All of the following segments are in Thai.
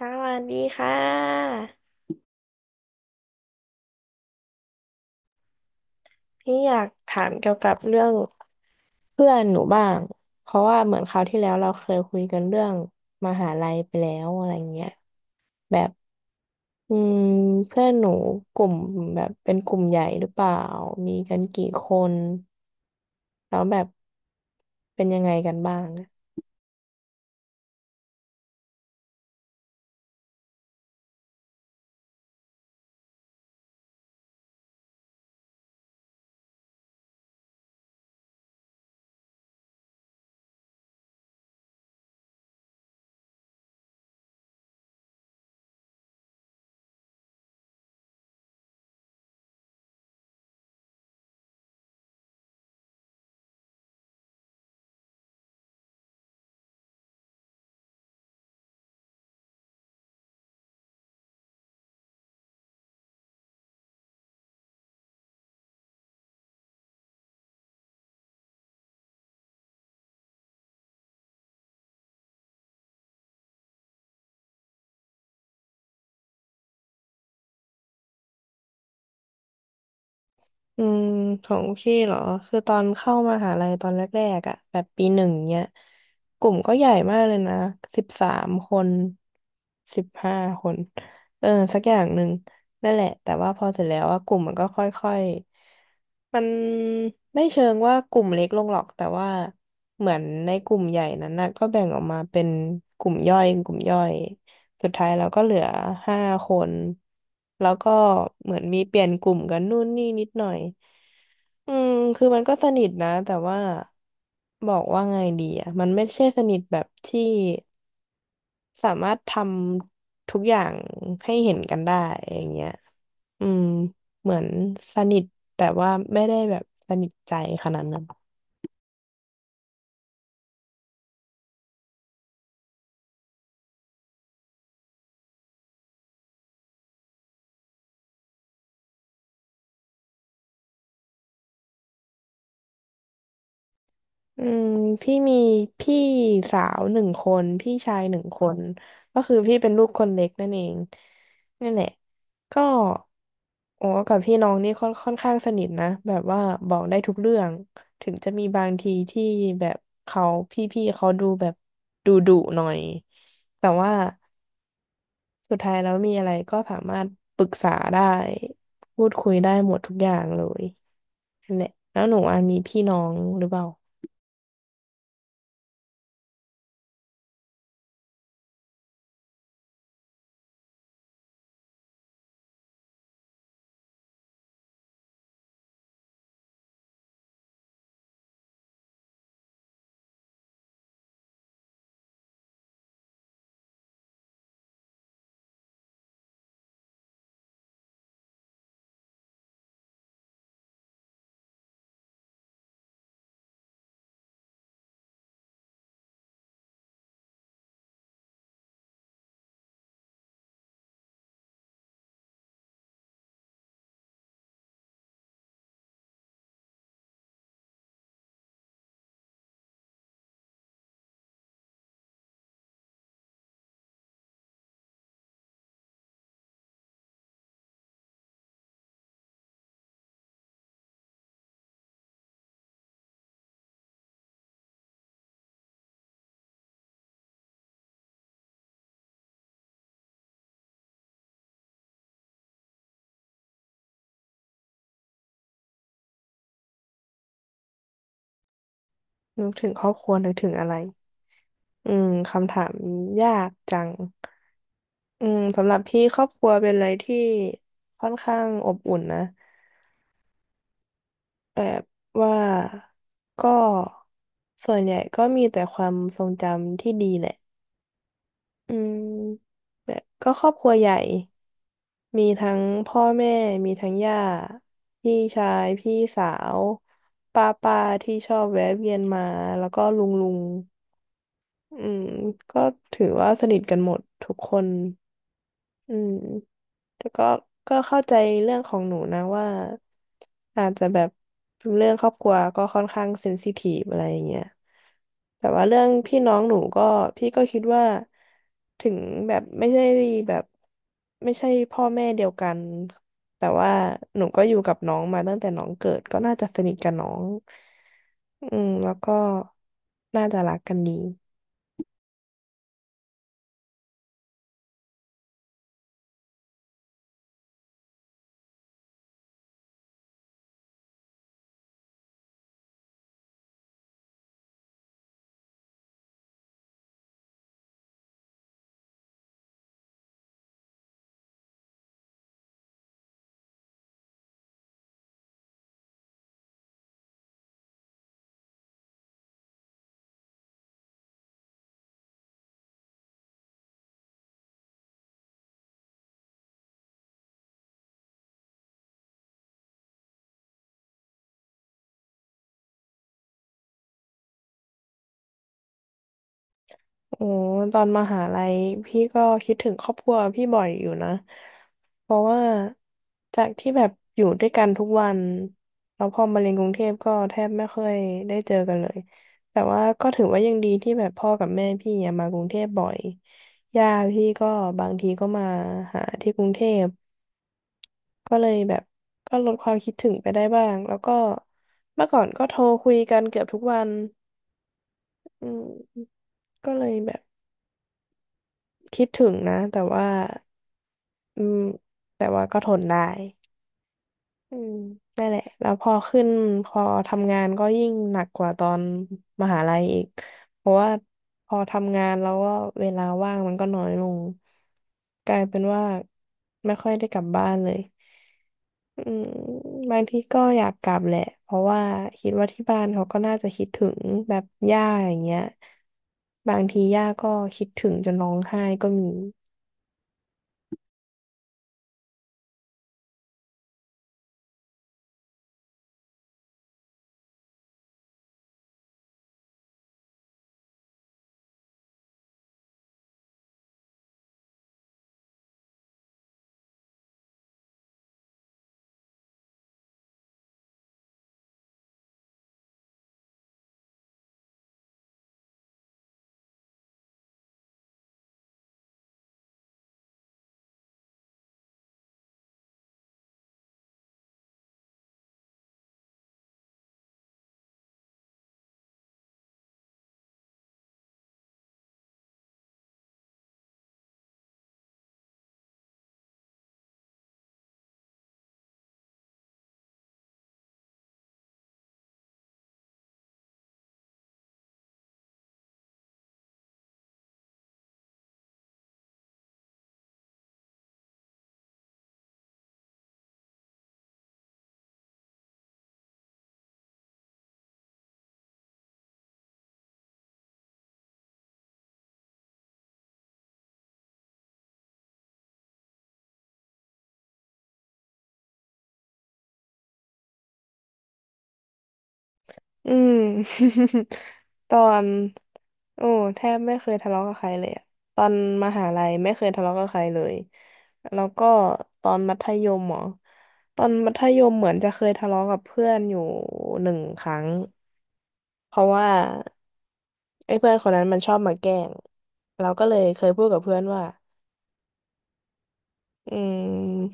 สวัสดีค่ะพี่อยากถามเกี่ยวกับเรื่องเพื่อนหนูบ้างเพราะว่าเหมือนคราวที่แล้วเราเคยคุยกันเรื่องมหาลัยไปแล้วอะไรเงี้ยแบบอืมเพื่อนหนูกลุ่มแบบเป็นกลุ่มใหญ่หรือเปล่ามีกันกี่คนแล้วแบบเป็นยังไงกันบ้าง อืมของพี่เหรอคือตอนเข้ามหาลัยตอนแรกๆอ่ะแบบปีหนึ่งเนี้ยกลุ่มก็ใหญ่มากเลยนะ13คน15คนเออสักอย่างหนึ่งนั่นแหละแต่ว่าพอเสร็จแล้วว่ากลุ่มมันก็ค่อยๆมันไม่เชิงว่ากลุ่มเล็กลงหรอกแต่ว่าเหมือนในกลุ่มใหญ่นั้นนะก็แบ่งออกมาเป็นกลุ่มย่อยกลุ่มย่อย สุดท้ายเราก็เหลือห้าคนแล้วก็เหมือนมีเปลี่ยนกลุ่มกันนู่นนี่นิดหน่อยอืมคือมันก็สนิทนะแต่ว่าบอกว่าไงดีอ่ะมันไม่ใช่สนิทแบบที่สามารถทำทุกอย่างให้เห็นกันได้อย่างเงี้ยอืมเหมือนสนิทแต่ว่าไม่ได้แบบสนิทใจขนาดนั้น อืมพี่มีพี่สาวหนึ่งคนพี่ชายหนึ่งคนก็คือพี่เป็นลูกคนเล็กนั่นเองนั่นแหละก็โอ้กับพี่น้องนี่ค่อนข้างสนิทนะแบบว่าบอกได้ทุกเรื่องถึงจะมีบางทีที่แบบเขาพี่เขาดูแบบดุดุหน่อยแต่ว่าสุดท้ายแล้วมีอะไรก็สามารถปรึกษาได้พูดคุยได้หมดทุกอย่างเลยนั่นแหละแล้วหนูอะมีพี่น้องหรือเปล่านึกถึงครอบครัวนึกถึงอะไร อืมคำถามยากจังอืมสำหรับพี่ครอบครัวเป็นอะไรที่ค่อนข้างอบอุ่นนะแบบว่าก็ส่วนใหญ่ก็มีแต่ความทรงจำที่ดีแหละอืมแบบก็ครอบครัวใหญ่มีทั้งพ่อแม่มีทั้งย่าพี่ชายพี่สาวป้าป้าที่ชอบแวะเวียนมาแล้วก็ลุงลุงอืมก็ถือว่าสนิทกันหมดทุกคน อืมแต่ก็ก็เข้าใจเรื่องของหนูนะว่าอาจจะแบบเรื่องครอบครัวก็ค่อนข้างเซนซิทีฟอะไรอย่างเงี้ยแต่ว่าเรื่องพี่น้องหนูก็พี่ก็คิดว่าถึงแบบไม่ใช่แบบไม่ใช่พ่อแม่เดียวกันแต่ว่าหนูก็อยู่กับน้องมาตั้งแต่น้องเกิดก็น่าจะสนิทกับน้องอืมแล้วก็น่าจะรักกันดี โอ้ตอนมหาลัยพี่ก็คิดถึงครอบครัวพี่บ่อยอยู่นะเพราะว่าจากที่แบบอยู่ด้วยกันทุกวันแล้วพอมาเรียนกรุงเทพก็แทบไม่ค่อยได้เจอกันเลยแต่ว่าก็ถือว่ายังดีที่แบบพ่อกับแม่พี่อะมากรุงเทพบ่อยย่าพี่ก็บางทีก็มาหาที่กรุงเทพก็เลยแบบก็ลดความคิดถึงไปได้บ้างแล้วก็เมื่อก่อนก็โทรคุยกันเกือบทุกวันอืมก็เลยแบบคิดถึงนะแต่ว่า อืมแต่ว่าก็ทนได้อืมนั่นแหละแล้วพอทำงานก็ยิ่งหนักกว่าตอนมหาลัยอีกเพราะว่าพอทำงานแล้วก็เวลาว่างมันก็น้อยลงกลายเป็นว่าไม่ค่อยได้กลับบ้านเลยอืมบางทีก็อยากกลับแหละเพราะว่าคิดว่าที่บ้านเขาก็น่าจะคิดถึงแบบย่าอย่างเงี้ยบางทีย่าก็คิดถึงจนร้องไห้ก็มี อืม ตอนโอ้แทบไม่เคยทะเลาะกับใครเลยอะตอนมหาลัยไม่เคยทะเลาะกับใครเลยแล้วก็ตอนมัธยมเหรอตอนมัธยมเหมือนจะเคยทะเลาะกับเพื่อนอยู่หนึ่งครั้งเพราะว่าไอ้เพื่อนคนนั้นมันชอบมาแกล้งเราก็เลยเคยพูดกับเพื่อนว่าอื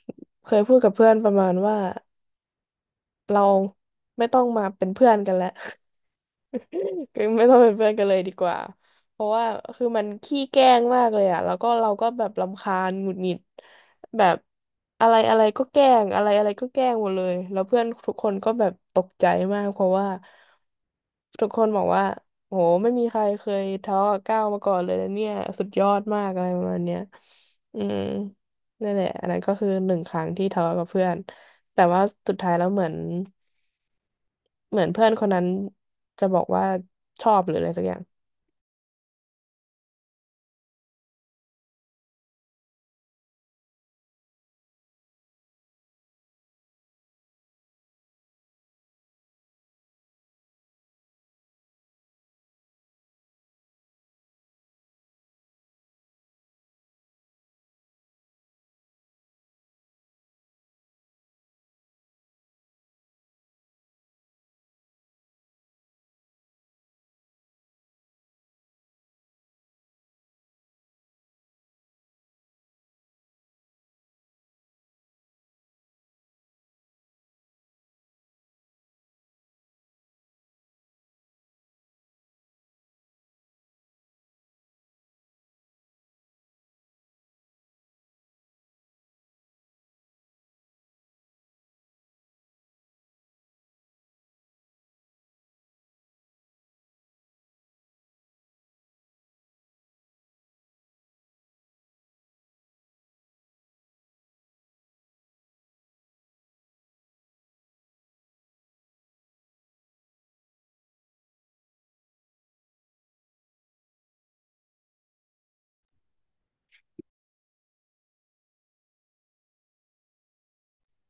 มเคยพูดกับเพื่อนประมาณว่าเราไม่ต้องมาเป็นเพื่อนกันแล้ว คือไม่ต้องเป็นเพื่อนกันเลยดีกว่า เพราะว่าคือมันขี้แกล้งมากเลยอะแล้วก็เราก็แบบรำคาญหงุดหงิดแบบอะไรอะไรก็แกล้งอะไรอะไรก็แกล้งหมดเลยแล้วเพื่อนทุกคนก็แบบตกใจมากเพราะว่าทุกคนบอกว่าโหไม่มีใครเคยทะเลาะกับก้าวมาก่อนเลยนะเนี่ยสุดยอดมากอะไรประมาณเนี้ยอืมนั่นแหละอันนั้นก็คือหนึ่งครั้งที่ทะเลาะกับเพื่อนแต่ว่าสุดท้ายแล้วเหมือน เหมือนเพื่อนคนนั้นจะบอกว่าชอบหรืออะไรสักอย่าง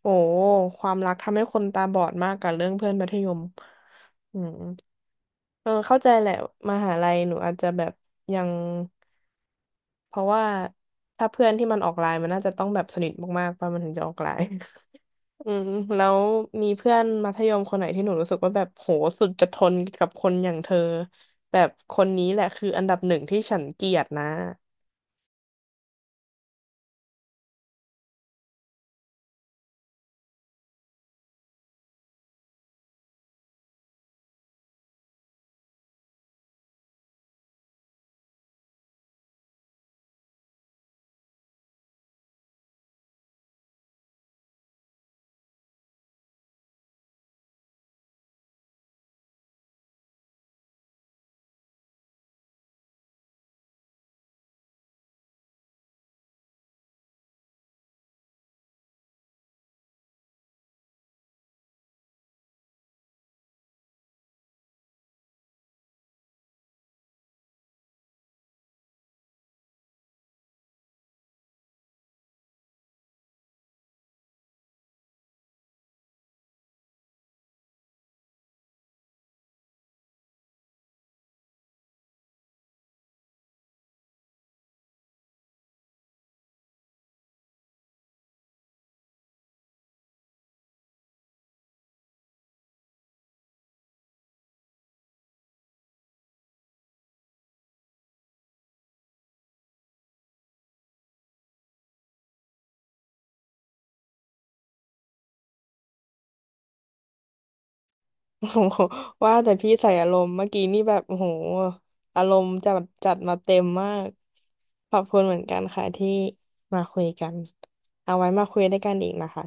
โอ้ความรักทำให้คนตาบอดมากกับเรื่องเพื่อนมัธยมอืมเออเข้าใจแหละมหาลัยหนูอาจจะแบบยังเพราะว่าถ้าเพื่อนที่มันออกไลน์มันน่าจะต้องแบบสนิทมากๆป่ะมันถึงจะออกไลน์ อืมแล้วมีเพื่อนมัธยมคนไหนที่หนูรู้สึกว่าแบบโหสุดจะทนกับคนอย่างเธอแบบคนนี้แหละคืออันดับหนึ่งที่ฉันเกลียดนะ โอ้โหว่าแต่พี่ใส่อารมณ์เมื่อกี้นี่แบบโอ้โหอารมณ์จัดจัดมาเต็มมากขอบคุณเหมือนกันค่ะที่มาคุยกันเอาไว้มาคุยด้วยกันอีกนะคะ